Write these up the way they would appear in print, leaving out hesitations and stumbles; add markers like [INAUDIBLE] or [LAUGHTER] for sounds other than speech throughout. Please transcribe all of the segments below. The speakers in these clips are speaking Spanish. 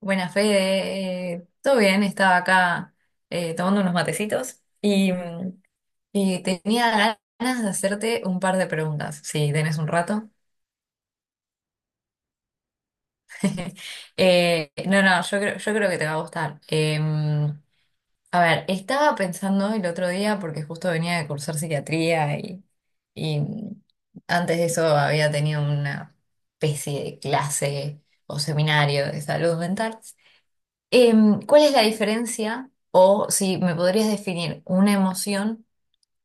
Buenas, Fede. Todo bien, estaba acá tomando unos matecitos y tenía ganas de hacerte un par de preguntas, si tenés un rato. [LAUGHS] No, no, yo creo que te va a gustar. A ver, estaba pensando el otro día, porque justo venía de cursar psiquiatría y antes de eso había tenido una especie de clase o seminario de salud mental. ¿Cuál es la diferencia o si me podrías definir una emoción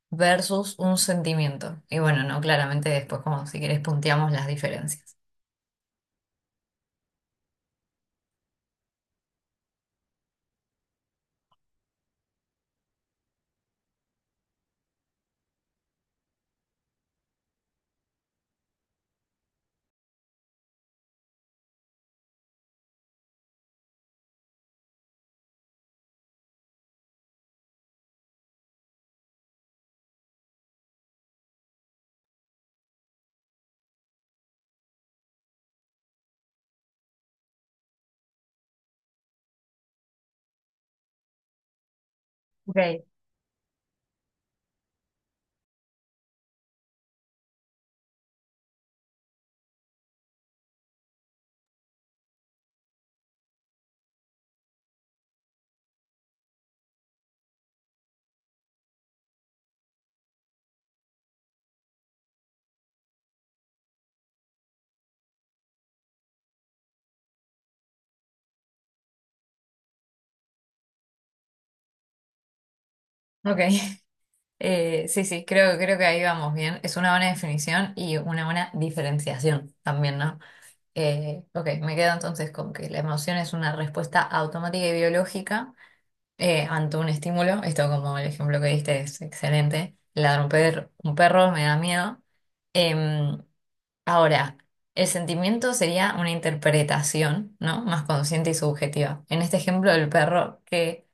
versus un sentimiento? Y bueno, no, claramente después como si querés punteamos las diferencias. Ok, ok. [LAUGHS] Sí, sí, creo que ahí vamos bien. Es una buena definición y una buena diferenciación también, ¿no? Ok, me quedo entonces con que la emoción es una respuesta automática y biológica ante un estímulo. Esto como el ejemplo que diste es excelente. Ladra un perro me da miedo. Em, Ahora, el sentimiento sería una interpretación, ¿no? Más consciente y subjetiva. En este ejemplo del perro, que,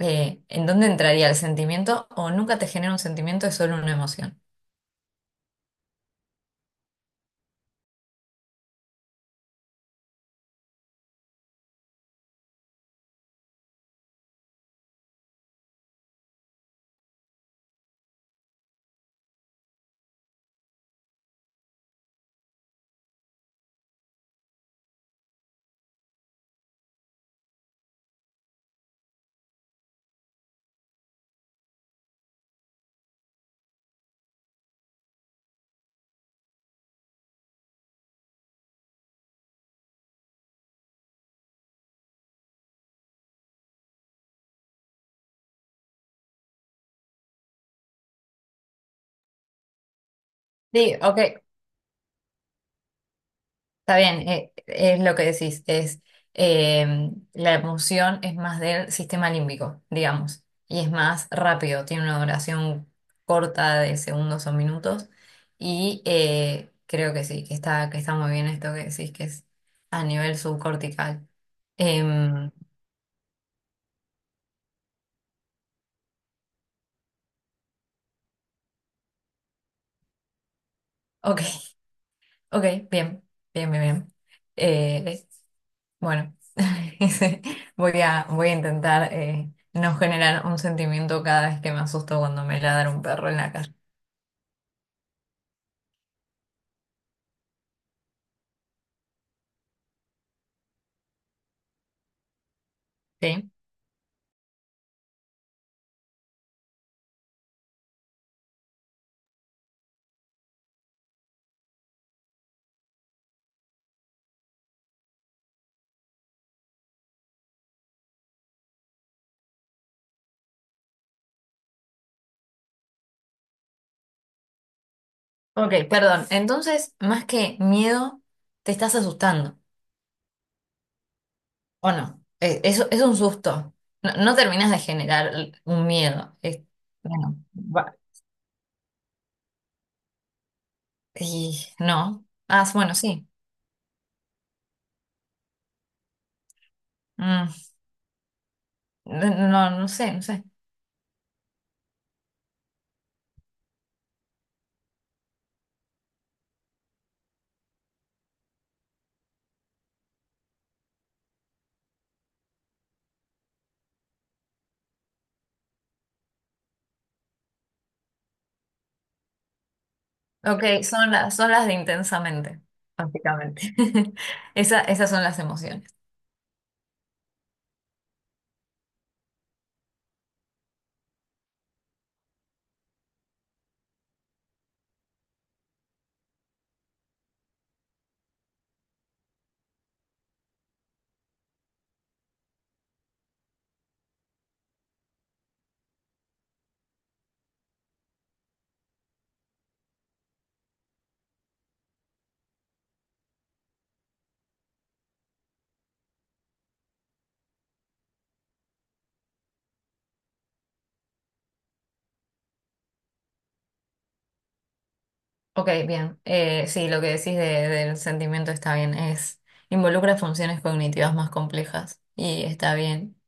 eh, ¿en dónde entraría el sentimiento? O nunca te genera un sentimiento, es solo una emoción. Sí, ok, está bien, es lo que decís, es la emoción es más del sistema límbico, digamos, y es más rápido, tiene una duración corta de segundos o minutos, y creo que sí, que está muy bien esto que decís, que es a nivel subcortical. Em, ok, [LAUGHS] ok, bien, bien, bien, bien. Eh, Bueno, [LAUGHS] ese- voy a intentar no generar un sentimiento cada vez que me asusto cuando me ladra un perro en la calle. ¿Sí? Ok, perdón. Entonces, más que miedo, te estás asustando, ¿o no? Eso es un susto. No, no terminas de generar un miedo. Bueno, y no. Ah, bueno, sí. Mm, no, no sé, no sé. Ok, son las de intensamente, básicamente. [LAUGHS] Esas son las emociones. Ok, bien. Sí, lo que decís del sentimiento está bien. Es, involucra funciones cognitivas más complejas y está bien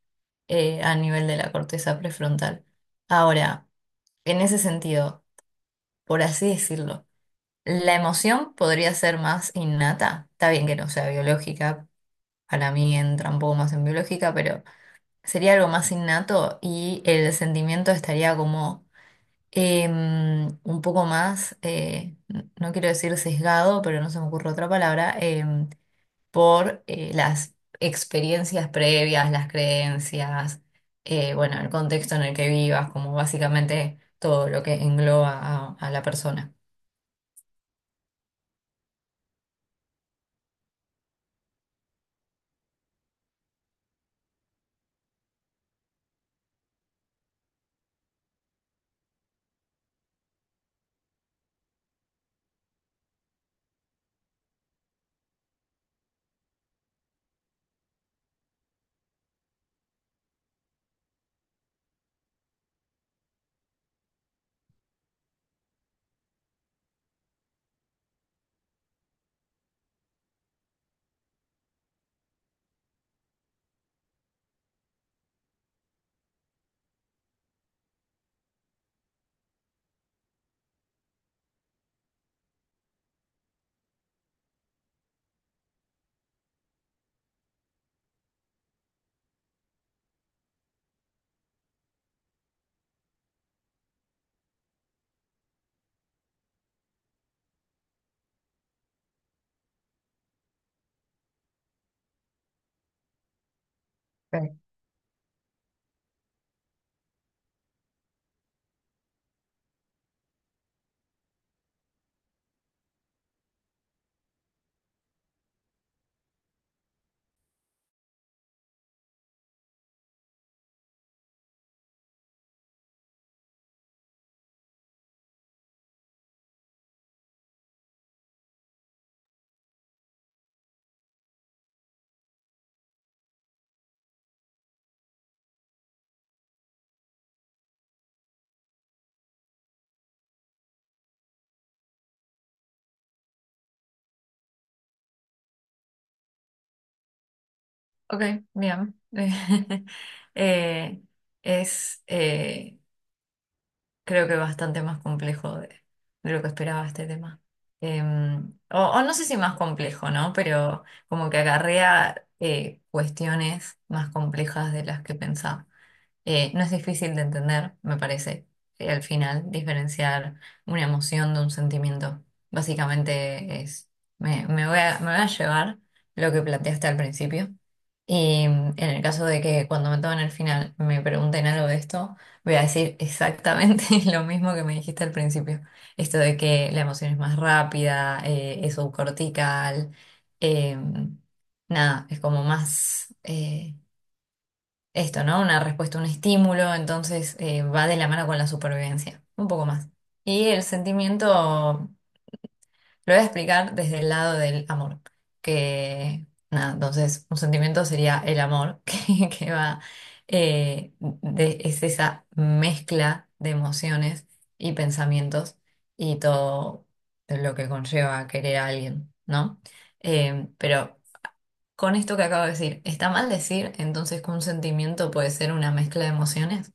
a nivel de la corteza prefrontal. Ahora, en ese sentido, por así decirlo, la emoción podría ser más innata. Está bien que no sea biológica, para mí entra un poco más en biológica, pero sería algo más innato y el sentimiento estaría como un poco más, no quiero decir sesgado, pero no se me ocurre otra palabra, por las experiencias previas, las creencias, bueno, el contexto en el que vivas, como básicamente todo lo que engloba a la persona. Ok, ok, bien. [LAUGHS] Eh, es, eh, creo que bastante más complejo de lo que esperaba este tema. O no sé si más complejo, ¿no? Pero como que acarrea cuestiones más complejas de las que pensaba. No es difícil de entender, me parece, al final, diferenciar una emoción de un sentimiento. Básicamente es, me voy me voy a llevar lo que planteaste al principio. Y en el caso de que cuando me tomen el final me pregunten algo de esto, voy a decir exactamente [LAUGHS] lo mismo que me dijiste al principio. Esto de que la emoción es más rápida, es subcortical, em, nada, es como más, esto, ¿no? Una respuesta, un estímulo, entonces va de la mano con la supervivencia, un poco más. Y el sentimiento lo voy a explicar desde el lado del amor, que nada, entonces un sentimiento sería el amor, [LAUGHS] que va, es esa mezcla de emociones y pensamientos y todo lo que conlleva querer a alguien, ¿no? Pero con esto que acabo de decir, ¿está mal decir entonces que un sentimiento puede ser una mezcla de emociones?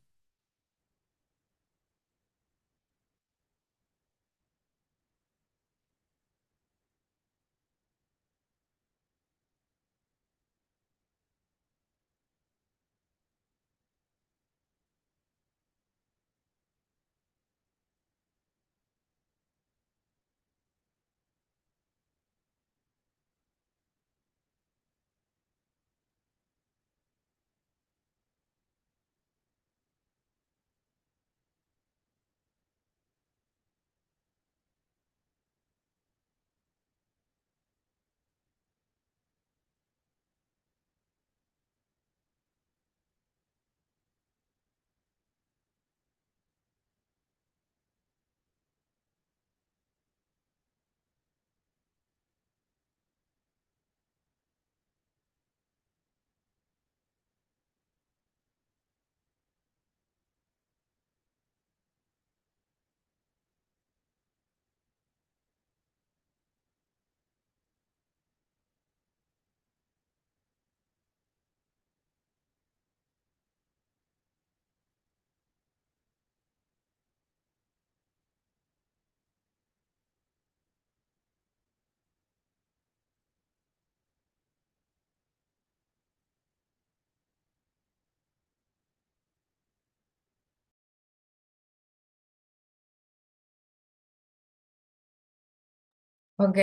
Ok.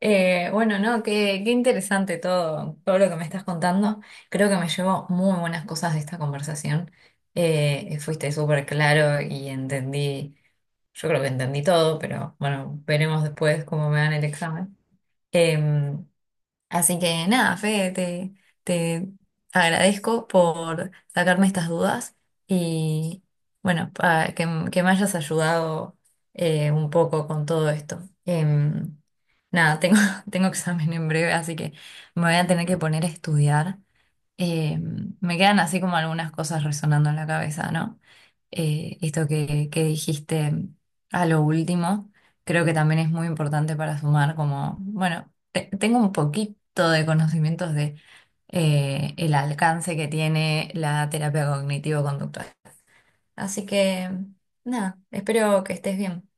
Bueno, no, qué interesante todo, todo lo que me estás contando. Creo que me llevo muy buenas cosas de esta conversación. Fuiste súper claro y entendí, yo creo que entendí todo, pero bueno, veremos después cómo me dan el examen. Em, Así que nada, Fede, te agradezco por sacarme estas dudas y bueno, que me hayas ayudado un poco con todo esto. Nada, tengo, [LAUGHS] tengo examen en breve, así que me voy a tener que poner a estudiar. Me quedan así como algunas cosas resonando en la cabeza, ¿no? Esto que dijiste a lo último, creo que también es muy importante para sumar como, bueno. Tengo un poquito de conocimientos de el alcance que tiene la terapia cognitivo-conductual. Así que, nada, espero que estés bien.